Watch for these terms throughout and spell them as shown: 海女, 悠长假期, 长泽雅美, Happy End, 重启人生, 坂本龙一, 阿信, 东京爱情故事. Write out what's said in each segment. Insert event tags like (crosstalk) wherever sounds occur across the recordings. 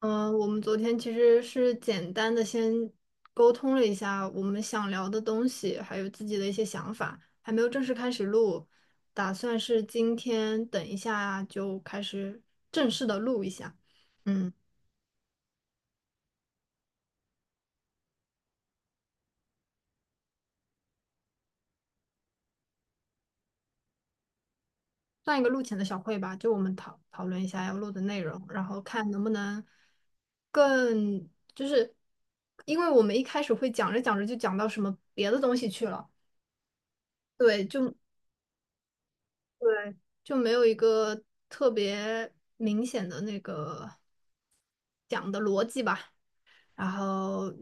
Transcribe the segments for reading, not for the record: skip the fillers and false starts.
嗯，我们昨天其实是简单的先沟通了一下我们想聊的东西，还有自己的一些想法，还没有正式开始录，打算是今天等一下就开始正式的录一下。嗯，算一个录前的小会吧，就我们讨论一下要录的内容，然后看能不能更就是，因为我们一开始会讲着讲着就讲到什么别的东西去了。对，就对，就没有一个特别明显的那个讲的逻辑吧。然后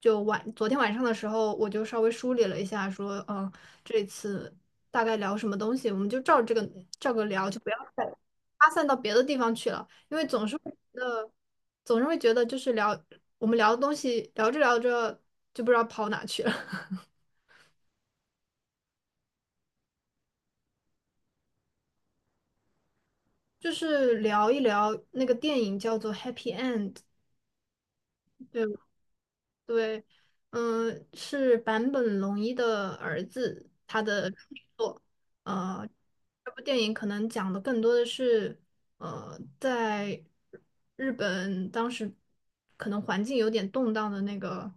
昨天晚上的时候，我就稍微梳理了一下，说，嗯，这次大概聊什么东西，我们就照这个照个聊，就不要再发散到别的地方去了，因为总是会觉得，总是会觉得就是聊我们聊的东西，聊着聊着就不知道跑哪去了。(laughs) 就是聊一聊那个电影叫做《Happy End》，对。对，是坂本龙一的儿子，他的处女作。呃，这部电影可能讲的更多的是，呃，在日本当时可能环境有点动荡的那个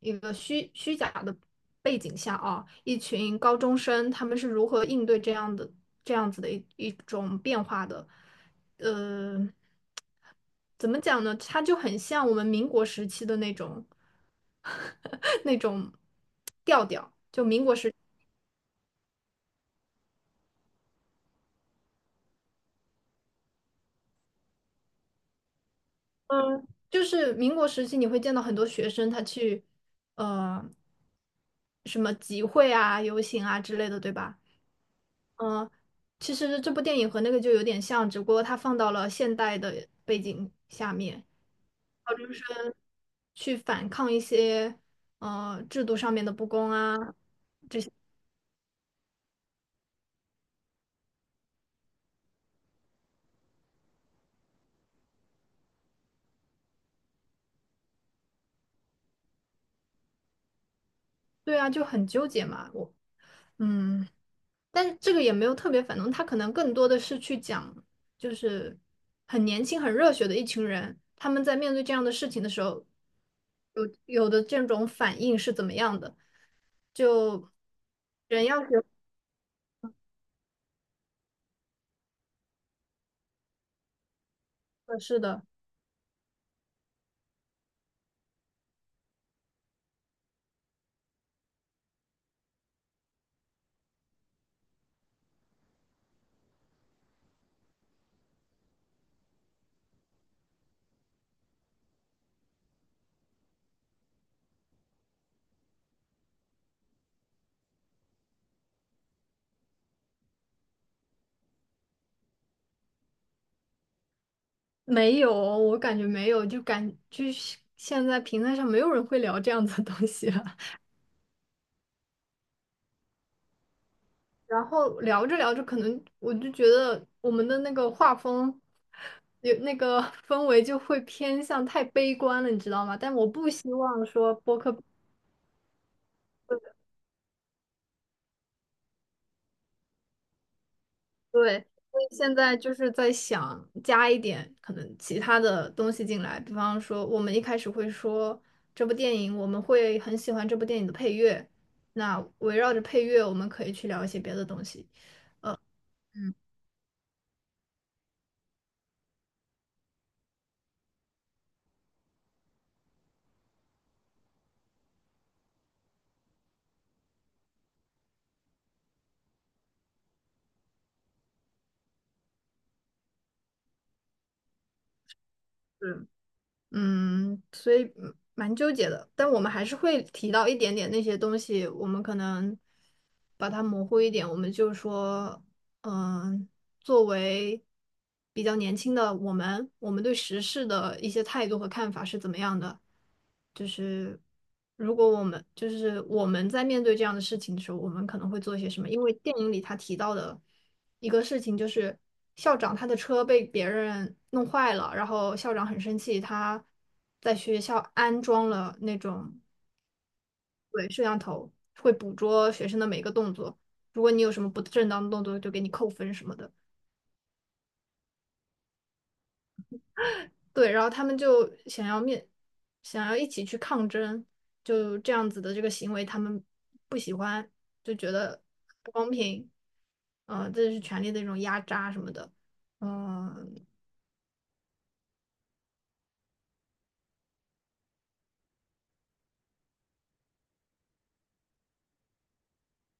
一个虚假的背景下啊，一群高中生他们是如何应对这样的这样子的一种变化的。呃，怎么讲呢？它就很像我们民国时期的那种 (laughs) 那种调调。嗯，就是民国时期，你会见到很多学生他去呃什么集会啊、游行啊之类的，对吧？嗯、其实这部电影和那个就有点像，只不过它放到了现代的背景下面去反抗一些呃制度上面的不公啊。对啊，就很纠结嘛。我嗯。但是这个也没有特别反动，他可能更多的是去讲，就是很年轻、很热血的一群人，他们在面对这样的事情的时候，有的这种反应是怎么样的？就人要学合适的，没有，我感觉没有，就感就是现在平台上没有人会聊这样子的东西了。然后聊着聊着，可能我就觉得我们的那个画风，有那个 (laughs) 氛围就会偏向太悲观了，你知道吗？但我不希望说播客，对，所以现在就是在想加一点可能其他的东西进来，比方说我们一开始会说这部电影，我们会很喜欢这部电影的配乐，那围绕着配乐，我们可以去聊一些别的东西。嗯。嗯，所以嗯蛮纠结的，但我们还是会提到一点点那些东西，我们可能把它模糊一点，我们就说，嗯，作为比较年轻的我们，我们对时事的一些态度和看法是怎么样的？就是如果我们就是我们在面对这样的事情的时候，我们可能会做些什么？因为电影里他提到的一个事情，就是校长他的车被别人弄坏了，然后校长很生气，他在学校安装了那种对摄像头，会捕捉学生的每一个动作，如果你有什么不正当的动作，就给你扣分什么的。对，然后他们就想要一起去抗争，就这样子的这个行为，他们不喜欢，就觉得不公平。这是权力的一种压榨什么的。嗯，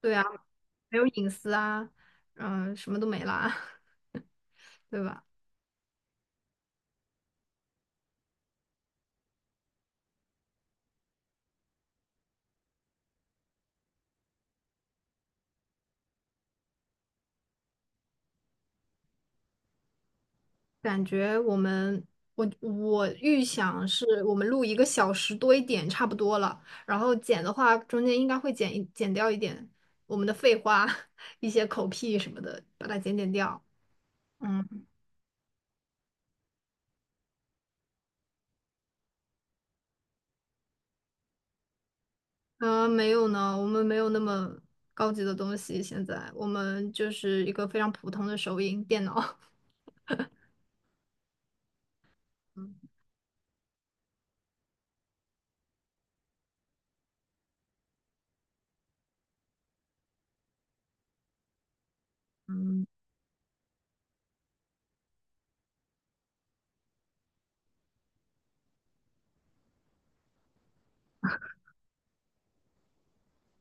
对啊，没有隐私啊，嗯，什么都没啦，(laughs) 对吧？感觉我们，我预想是我们录一个小时多一点差不多了，然后剪的话中间应该会剪掉一点我们的废话，(laughs) 一些口癖什么的，把它剪掉。嗯。没有呢，我们没有那么高级的东西，现在我们就是一个非常普通的手影电脑。(laughs) 嗯。嗯，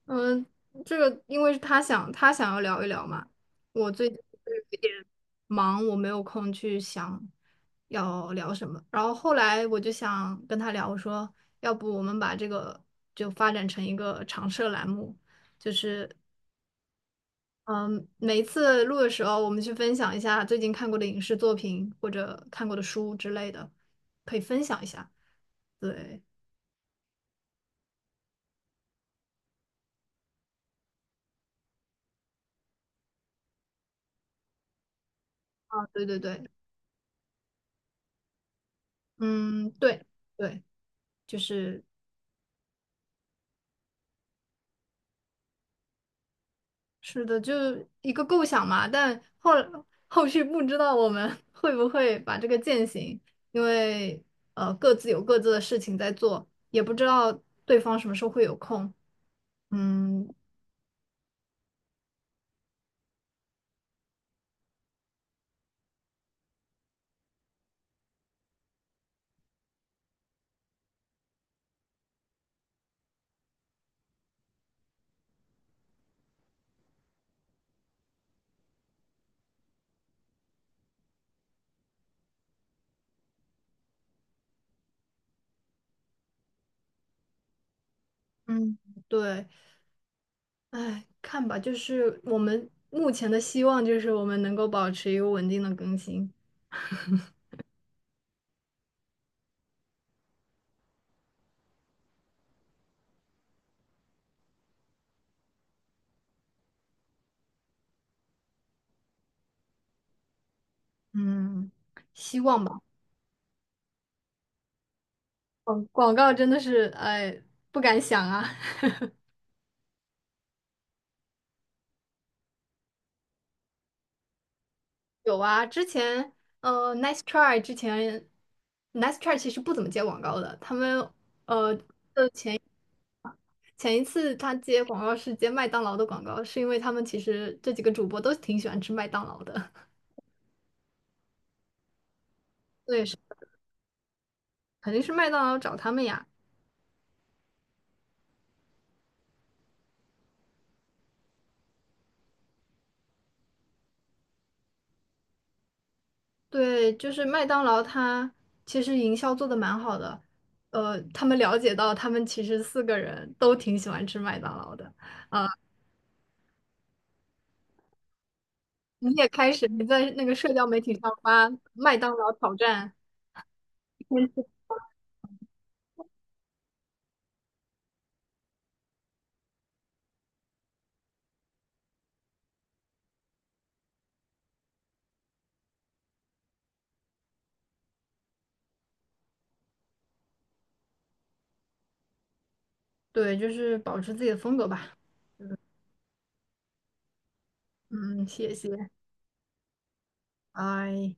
嗯，这个因为是他想要聊一聊嘛，我最近就是有点忙，我没有空去想要聊什么。然后后来我就想跟他聊，我说要不我们把这个就发展成一个常设栏目，就是嗯，每一次录的时候，我们去分享一下最近看过的影视作品或者看过的书之类的，可以分享一下。对，啊，对对对，嗯，对对，就是。是的，就一个构想嘛，但后续不知道我们 (laughs) 会不会把这个践行，因为呃各自有各自的事情在做，也不知道对方什么时候会有空。嗯，嗯，对，哎，看吧，就是我们目前的希望就是我们能够保持一个稳定的更新。嗯，希望吧。广告真的是，哎，不敢想啊。(laughs) 有啊，之前Nice Try 之前，Nice Try 其实不怎么接广告的。他们呃，前一次他接广告是接麦当劳的广告，是因为他们其实这几个主播都挺喜欢吃麦当劳的。(laughs) 对，是肯定是麦当劳找他们呀。对，就是麦当劳，他其实营销做的蛮好的。他们了解到他们其实四个人都挺喜欢吃麦当劳的。啊、你也开始你在那个社交媒体上发麦当劳挑战。对，就是保持自己的风格吧。嗯，谢谢，拜。